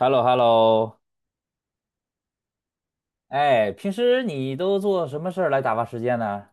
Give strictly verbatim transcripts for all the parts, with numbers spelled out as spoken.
h e l l o h e l l o 哎，平时你都做什么事儿来打发时间呢？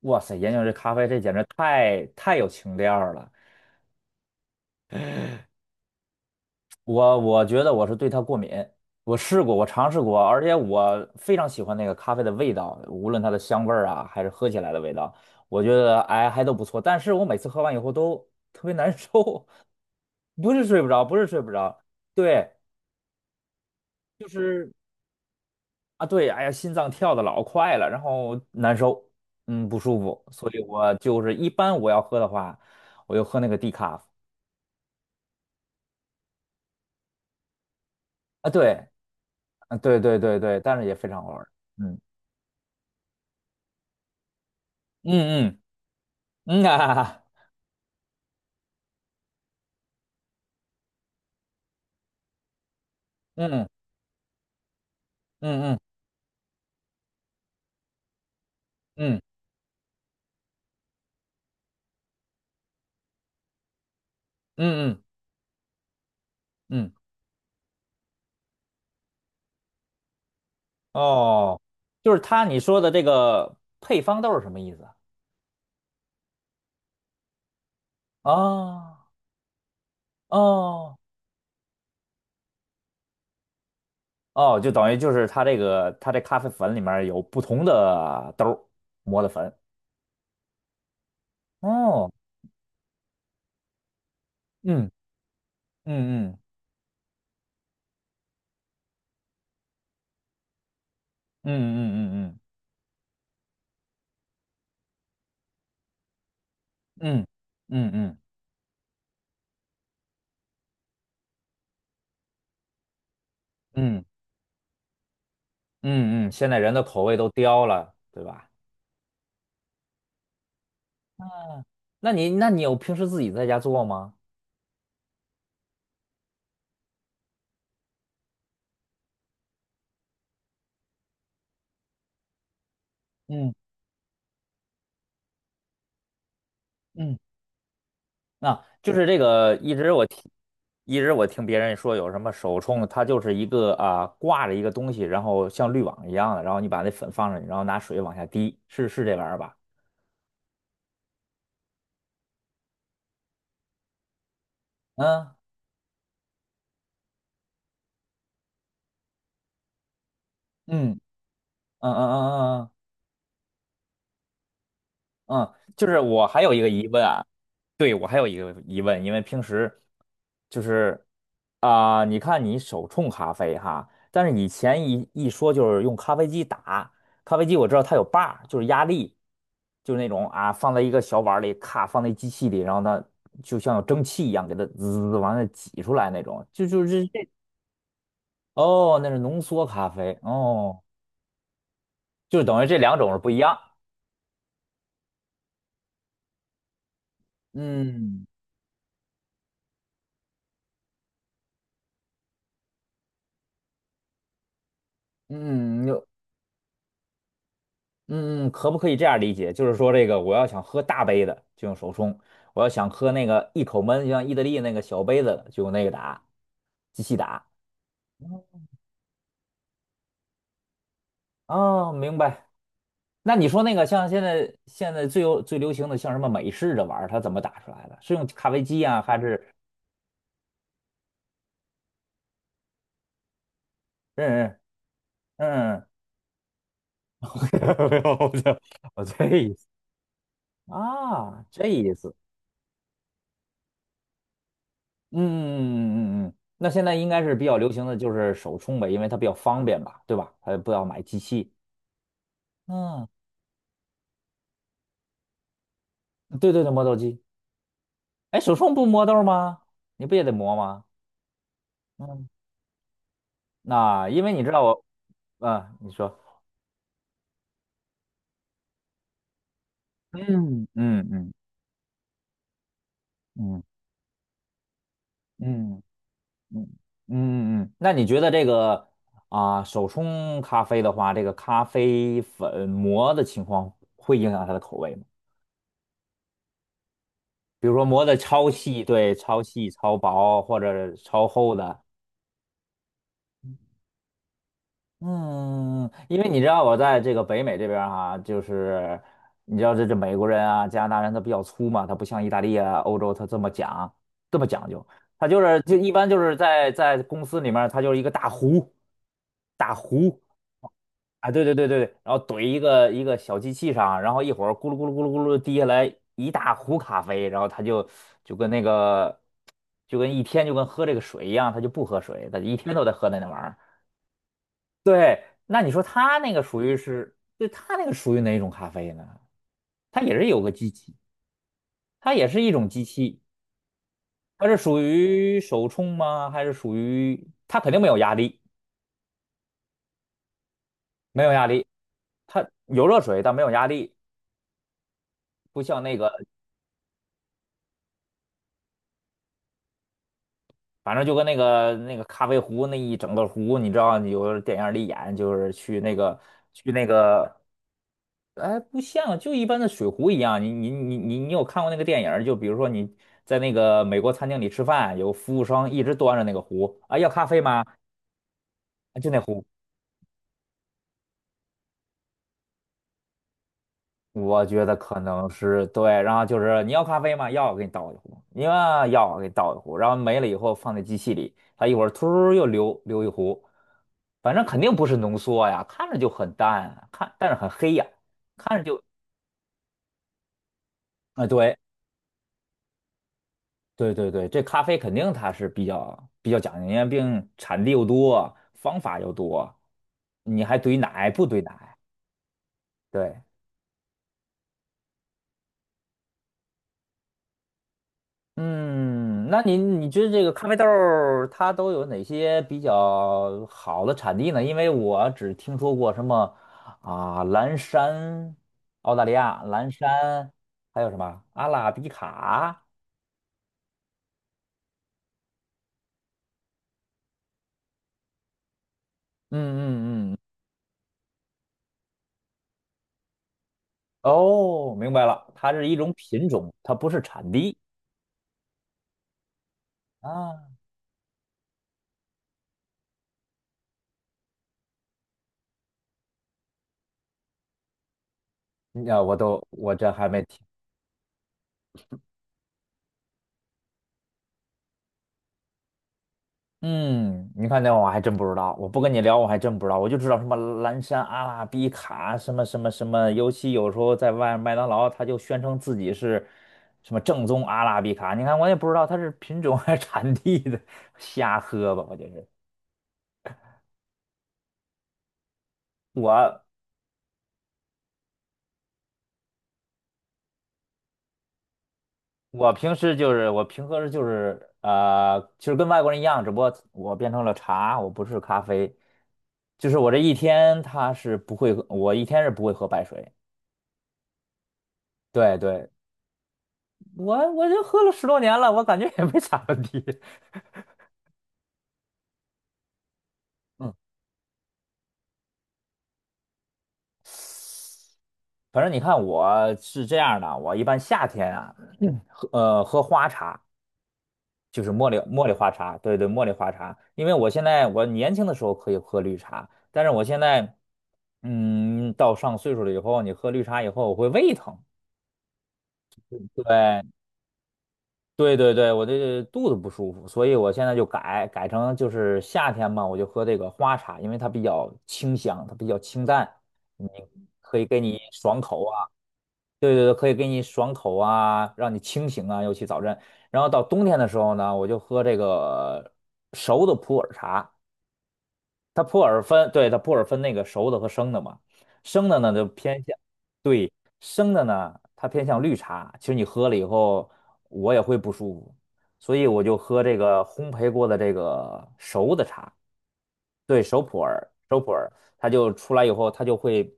哇塞，研究这咖啡，这简直太太有情调儿了。我我觉得我是对它过敏，我试过，我尝试过，而且我非常喜欢那个咖啡的味道，无论它的香味儿啊，还是喝起来的味道，我觉得哎还都不错。但是我每次喝完以后都特别难受，不是睡不着，不是睡不着，对。就是。啊，对，哎呀，心脏跳的老快了，然后难受，嗯，不舒服，所以我就是一般我要喝的话，我就喝那个低卡啊，对，啊，对对对对，但是也非常好玩。嗯嗯嗯嗯啊，嗯嗯嗯嗯嗯嗯嗯，哦，就是他你说的这个配方豆是什么意思啊？哦哦哦，就等于就是它这个它这咖啡粉里面有不同的豆儿磨的粉，哦，嗯嗯嗯。嗯嗯嗯嗯嗯嗯嗯嗯嗯，现在人的口味都刁了，对吧？那你那你有平时自己在家做吗？嗯嗯，那就是这个，一直我听，一直我听别人说有什么手冲，它就是一个啊挂着一个东西，然后像滤网一样的，然后你把那粉放上去，然后拿水往下滴，是是这玩意儿吧？嗯嗯嗯嗯嗯嗯嗯，嗯，就是我还有一个疑问啊，对，我还有一个疑问，因为平时就是啊、你看你手冲咖啡哈，但是以前一一说就是用咖啡机打，咖啡机我知道它有把儿，就是压力，就是那种啊放在一个小碗儿里，咔放在机器里，然后它就像有蒸汽一样给它滋滋滋往那挤出来那种，就就是这。哦，那是浓缩咖啡哦，就是等于这两种是不一样，嗯嗯，嗯，可不可以这样理解？就是说，这个我要想喝大杯的，就用手冲；我要想喝那个一口闷，就像意大利那个小杯子的就用那个打，机器打。哦，明白。那你说那个像现在现在最有最流行的，像什么美式的玩意儿，它怎么打出来的？是用咖啡机啊，还是嗯嗯嗯？没有，我这我这意思啊，这意思。嗯嗯嗯嗯嗯。那现在应该是比较流行的就是手冲呗，因为它比较方便吧，对吧？它不要买机器。嗯，对对对，磨豆机。哎，手冲不磨豆吗？你不也得磨吗？嗯，那因为你知道我，啊，你说，嗯嗯嗯嗯嗯嗯嗯嗯，那你觉得这个啊，手冲咖啡的话，这个咖啡粉磨的情况会影响它的口味吗？比如说磨的超细，对，超细、超薄或者超厚的，嗯，因为你知道我在这个北美这边儿哈、就是你知道这这美国人啊、加拿大人他比较粗嘛，他不像意大利啊、欧洲他这么讲这么讲究，他就是就一般就是在在公司里面儿他就是一个大壶，大壶啊，对对对对，对，然后怼一个一个小机器上，然后一会儿咕噜咕噜咕噜咕噜滴下来一大壶咖啡，然后他就就跟那个就跟一天就跟喝这个水一样，他就不喝水，他一天都在喝那那玩意儿。对，那你说它那个属于是，对，它那个属于哪种咖啡呢？它也是有个机器，它也是一种机器，它是属于手冲吗？还是属于它肯定没有压力，没有压力，它有热水，但没有压力，不像那个，反正就跟那个那个咖啡壶那一整个壶，你知道，你有电影里演，就是去那个去那个哎，不像，就一般的水壶一样。你你你你你有看过那个电影儿就比如说你在那个美国餐厅里吃饭，有服务生一直端着那个壶啊，要咖啡吗？啊，就那壶。我觉得可能是对，然后就是你要咖啡吗？要，我给你倒一壶。你要，要，我给你倒一壶。然后没了以后放在机器里，它一会儿突儿又流流一壶，反正肯定不是浓缩呀，看着就很淡啊，看但是很黑呀，看着就啊、对，对对对，这咖啡肯定它是比较比较讲究，因为毕竟产地又多，方法又多，你还兑奶不兑奶？对，嗯，那你你觉得这个咖啡豆儿它都有哪些比较好的产地呢？因为我只听说过什么啊，蓝山，澳大利亚蓝山，还有什么阿拉比卡？嗯嗯嗯，哦，明白了，它是一种品种，它不是产地啊。你啊我都我这还没听。嗯，你看那我还真不知道，我不跟你聊我还真不知道，我就知道什么蓝山阿拉比卡什么什么什么，尤其有时候在外麦当劳，他就宣称自己是什么正宗阿拉比卡，你看我也不知道它是品种还是产地的，瞎喝吧，我就是我我平时就是我平喝时就是呃，其实跟外国人一样，只不过我变成了茶，我不是咖啡，就是我这一天他是不会喝，我一天是不会喝白水。对对，我我就喝了十多年了，我感觉也没啥问题。嗯，反正你看我是这样的，我一般夏天啊，嗯喝呃喝花茶，就是茉莉茉莉花茶，对对，茉莉花茶。因为我现在我年轻的时候可以喝绿茶，但是我现在嗯到上岁数了以后，你喝绿茶以后我会胃疼。对对对对，我这肚子不舒服，所以我现在就改改成就是夏天嘛，我就喝这个花茶，因为它比较清香，它比较清淡，你可以给你爽口啊，对对对，可以给你爽口啊，让你清醒啊，尤其早晨。然后到冬天的时候呢，我就喝这个熟的普洱茶，它普洱分，对，它普洱分那个熟的和生的嘛，生的呢就偏向，对，生的呢它偏向绿茶，其实你喝了以后我也会不舒服，所以我就喝这个烘焙过的这个熟的茶，熟普洱，它就出来以后它就会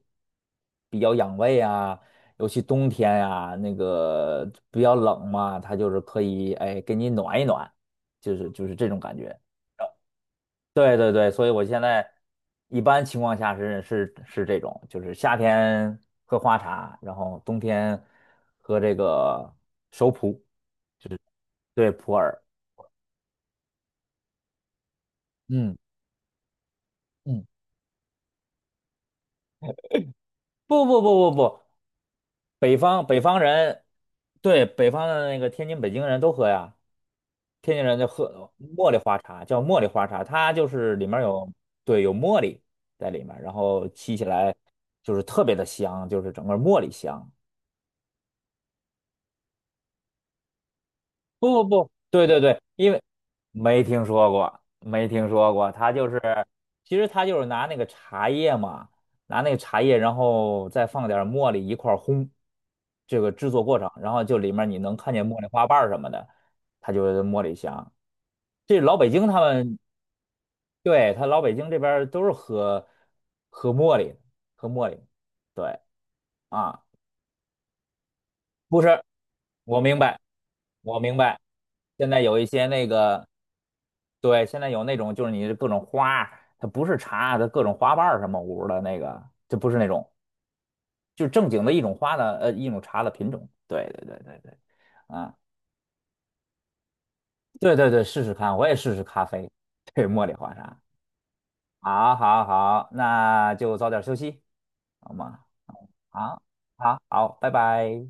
比较养胃啊，尤其冬天呀、那个比较冷嘛，它就是可以哎给你暖一暖，就是就是这种感觉。对对对，所以我现在一般情况下是是是这种，就是夏天喝花茶，然后冬天喝这个熟普，对，普洱。嗯嗯，不不不不不，北方北方人，对，北方的那个天津、北京人都喝呀，天津人就喝茉莉花茶，叫茉莉花茶，它就是里面有对有茉莉在里面，然后沏起来就是特别的香，就是整个茉莉香。不不不，对对对，因为没听说过，没听说过，他就是，其实他就是拿那个茶叶嘛，拿那个茶叶，然后再放点儿茉莉一块儿烘，这个制作过程，然后就里面你能看见茉莉花瓣儿什么的，它就是茉莉香。这老北京他们，对，他老北京这边儿都是喝喝茉莉，喝茉莉，对啊，不是，我明白，我明白，现在有一些那个。对，现在有那种就是你各种花儿它不是茶，它各种花瓣儿什么五的那个，就不是那种，就是正经的一种花的，呃，一种茶的品种。对对对对对，啊，对对对，试试看，我也试试咖啡，对，茉莉花茶。好，好，好，那就早点休息，好吗？好，好，好，拜拜。